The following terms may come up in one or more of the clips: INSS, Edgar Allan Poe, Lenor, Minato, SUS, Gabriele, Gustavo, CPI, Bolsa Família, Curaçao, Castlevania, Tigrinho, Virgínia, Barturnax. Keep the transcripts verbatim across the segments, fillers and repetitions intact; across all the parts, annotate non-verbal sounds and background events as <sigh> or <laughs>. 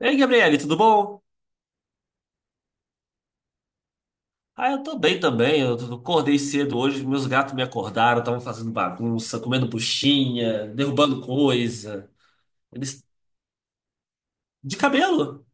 Ei, Gabriele, tudo bom? Ah, eu tô bem também. Eu t- acordei cedo hoje, meus gatos me acordaram, estavam fazendo bagunça, comendo buchinha, derrubando coisa. Eles de cabelo.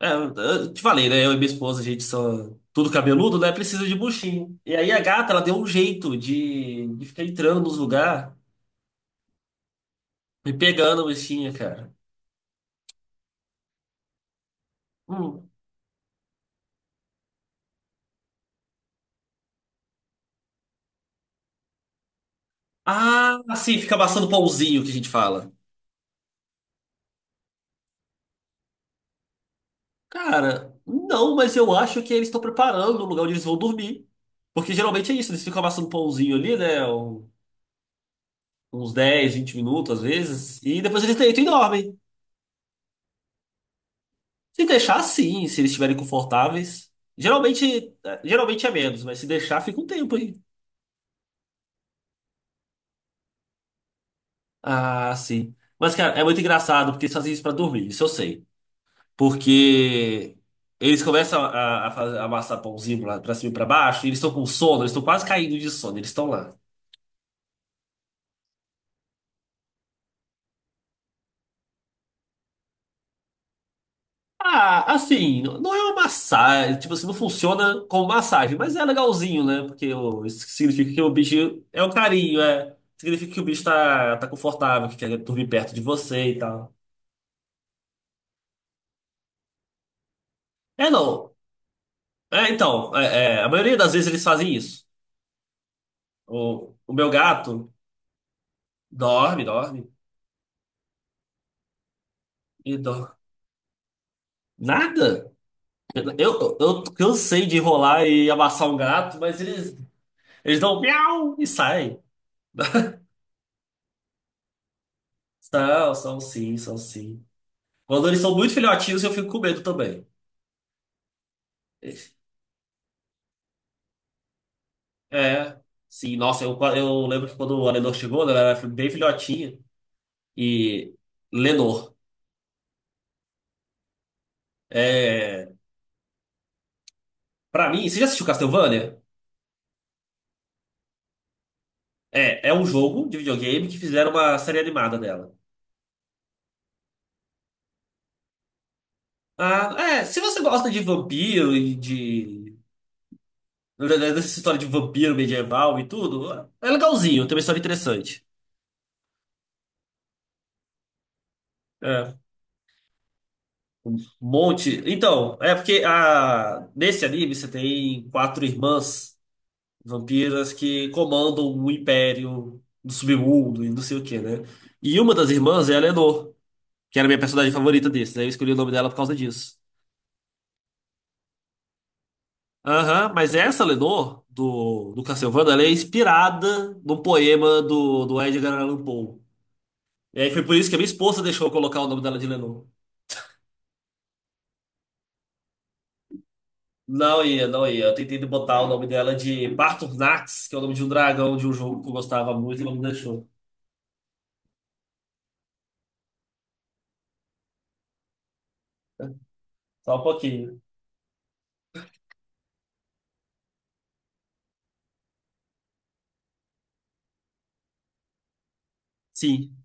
É, eu eu te falei, né? Eu e minha esposa, a gente são tudo cabeludo, né? Precisa de buchinho. E aí a gata, ela deu um jeito de, de ficar entrando nos lugares, me pegando a buchinha, cara. Hum. Ah, assim, fica amassando pãozinho que a gente fala. Cara, não, mas eu acho que eles estão preparando o lugar onde eles vão dormir. Porque geralmente é isso, eles ficam amassando um pãozinho ali, né? um- Uns dez, vinte minutos às vezes, e depois eles deitam e dormem. Se deixar, sim, se eles estiverem confortáveis. Geralmente, eh, geralmente é menos, mas se deixar, fica um tempo aí. Ah, sim. Mas, cara, é muito engraçado porque eles fazem isso pra dormir, isso eu sei. Porque eles começam a, a, fazer- a amassar pãozinho pra, pra cima e pra baixo, e eles estão com sono, eles estão quase caindo de sono, eles estão lá. Ah, assim, não é uma massagem, tipo assim, não funciona como massagem, mas é legalzinho, né? Porque o- isso significa que o bicho é um carinho, é. Significa que o bicho tá, tá confortável, que quer dormir perto de você e tal. É, não. É, então, é, é, a maioria das vezes eles fazem isso. O, o meu gato dorme, dorme e dorme. Nada. Eu, eu cansei de enrolar e amassar um gato, mas eles, eles dão miau e saem. <laughs> São, são sim, são sim. Quando eles são muito filhotinhos, eu fico com medo também. É, sim, nossa, eu, eu lembro que quando a Lenor chegou, né, ela era bem filhotinha. E Lenor, é, pra mim, você já assistiu Castlevania? É, é um jogo de videogame que fizeram uma série animada dela. Ah, é, se você gosta de vampiro e de dessa história de vampiro medieval e tudo, é legalzinho, tem uma história interessante. É, um monte. Então, é porque a, nesse anime você tem quatro irmãs. Vampiras que comandam um império do submundo e não sei o que, né? E uma das irmãs é a Lenor, que era a minha personagem favorita desses. Aí eu escolhi o nome dela por causa disso. Aham, mas essa Lenor, do, do Castlevania, ela é inspirada num poema do, do Edgar Allan Poe. E aí foi por isso que a minha esposa deixou eu colocar o nome dela de Lenor. Não ia, não ia. Eu tentei botar o nome dela de Barturnax, que é o nome de um dragão de um jogo que eu gostava muito e não me deixou. Só um pouquinho. Sim.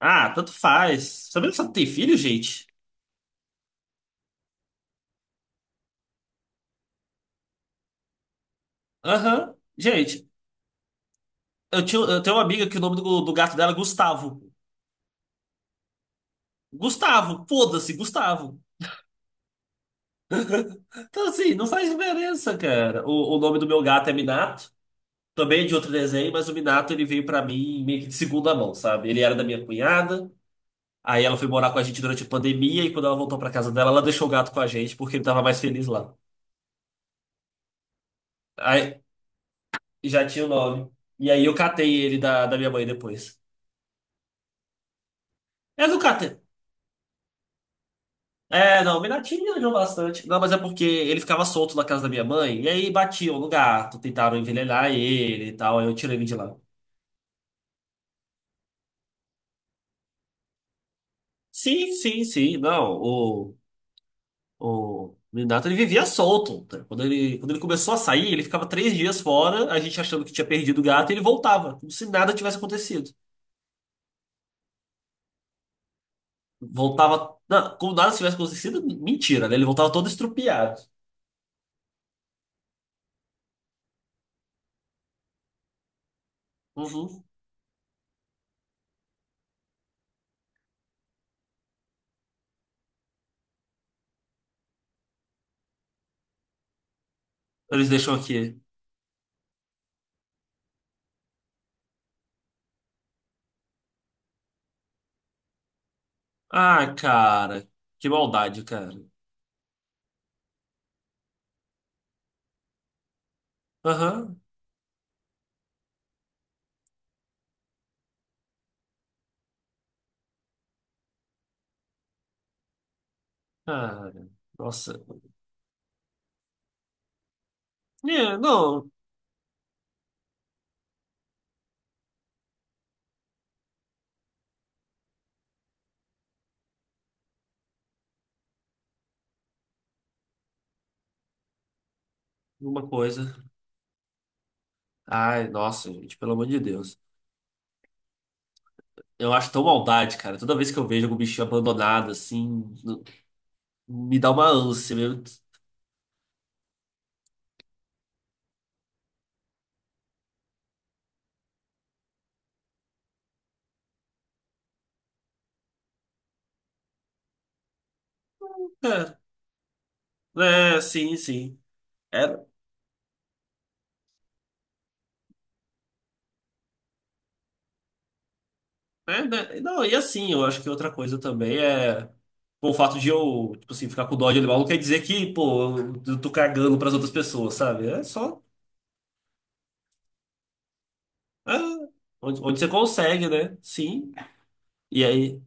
Ah, tanto faz. Sabia que você não tem filho, gente? Aham. Gente, eu, tinha, eu tenho uma amiga que o nome do, do gato dela é Gustavo. Gustavo, foda-se, Gustavo. Então, assim, não faz diferença, cara. O, o nome do meu gato é Minato, também é de outro desenho, mas o Minato ele veio pra mim meio que de segunda mão, sabe? Ele era da minha cunhada, aí ela foi morar com a gente durante a pandemia, e quando ela voltou pra casa dela, ela deixou o gato com a gente porque ele tava mais feliz lá. Aí já tinha o nome. E aí eu catei ele da, da minha mãe depois. Eu não catei. É, não, Minati me ajudou bastante. Não, mas é porque ele ficava solto na casa da minha mãe, e aí batiam no gato, tentaram envenenar ele e tal, aí eu tirei ele de lá. Sim, sim, sim, não, o, o Minato ele vivia solto. Tá? Quando ele, quando ele começou a sair, ele ficava três dias fora, a gente achando que tinha perdido o gato, e ele voltava, como se nada tivesse acontecido. Voltava, não, como nada tivesse acontecido, mentira, né? Ele voltava todo estrupiado. Uhum. Eles deixam aqui. Ah, cara, que maldade, cara. Aham. Cara, nossa. É, não, uma coisa. Ai, nossa, gente, pelo amor de Deus. Eu acho tão maldade, cara. Toda vez que eu vejo algum bichinho abandonado, assim, no- me dá uma ânsia mesmo. É, é, né, sim, sim. Era, é, né? Né. Não, e assim, eu acho que outra coisa também é. Pô, o fato de eu, tipo assim, ficar com dó de animal não quer dizer que, pô, eu eu tô cagando pras outras pessoas, sabe? É só. É, onde, onde você consegue, né? Sim. E aí.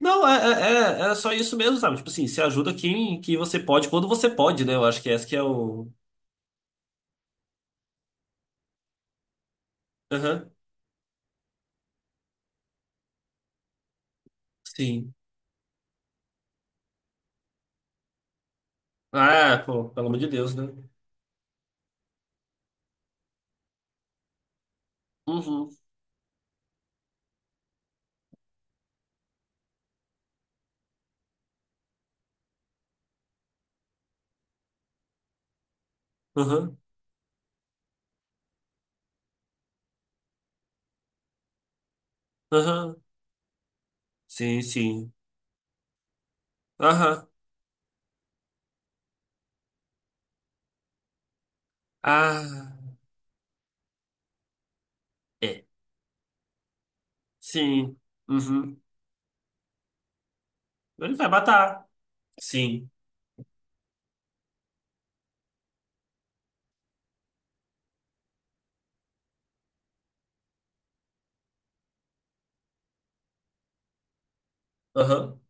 Não, é, é, é é só isso mesmo, sabe? Tipo assim, se ajuda quem que você pode, quando você pode, né? Eu acho que esse que é o. Aham, sim. Ah, pô, pelo amor de Deus, né? Uhum, aham, aham. Sim, sim. Aham. Ah, é. Sim. Uhum. Ele vai matar. Sim. Aham.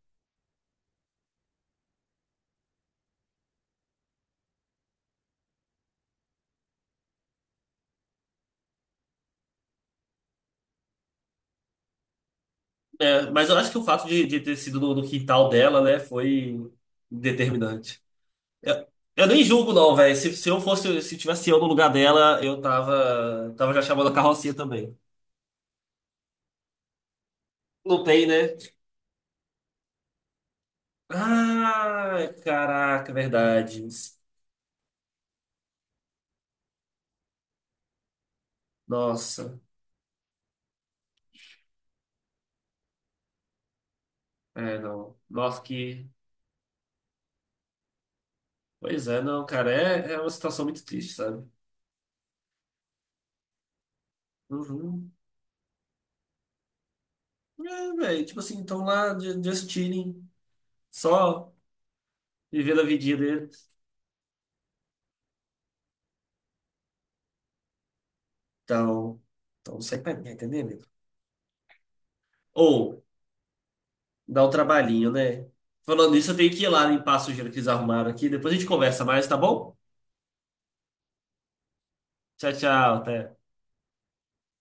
É, mas eu acho que o fato de, de ter sido no, no quintal dela, né, foi determinante. Eu, eu nem julgo, não, velho. Se, se eu fosse, se tivesse eu no lugar dela, eu tava, tava já chamando a carrocinha também. Não tem, né? Ah, caraca, verdade. Nossa. É, não. Nossa, que. Pois é, não, cara. É, é uma situação muito triste, sabe? Uhum. É, velho. Tipo assim, estão lá ju- just chilling, só vivendo a vidinha dele. Então, então não sei pra mim, entendeu, amigo? Dá um trabalhinho, né? Falando nisso, eu tenho que ir lá limpar a sujeira que eles arrumaram aqui. Depois a gente conversa mais, tá bom? Tchau, tchau. Até.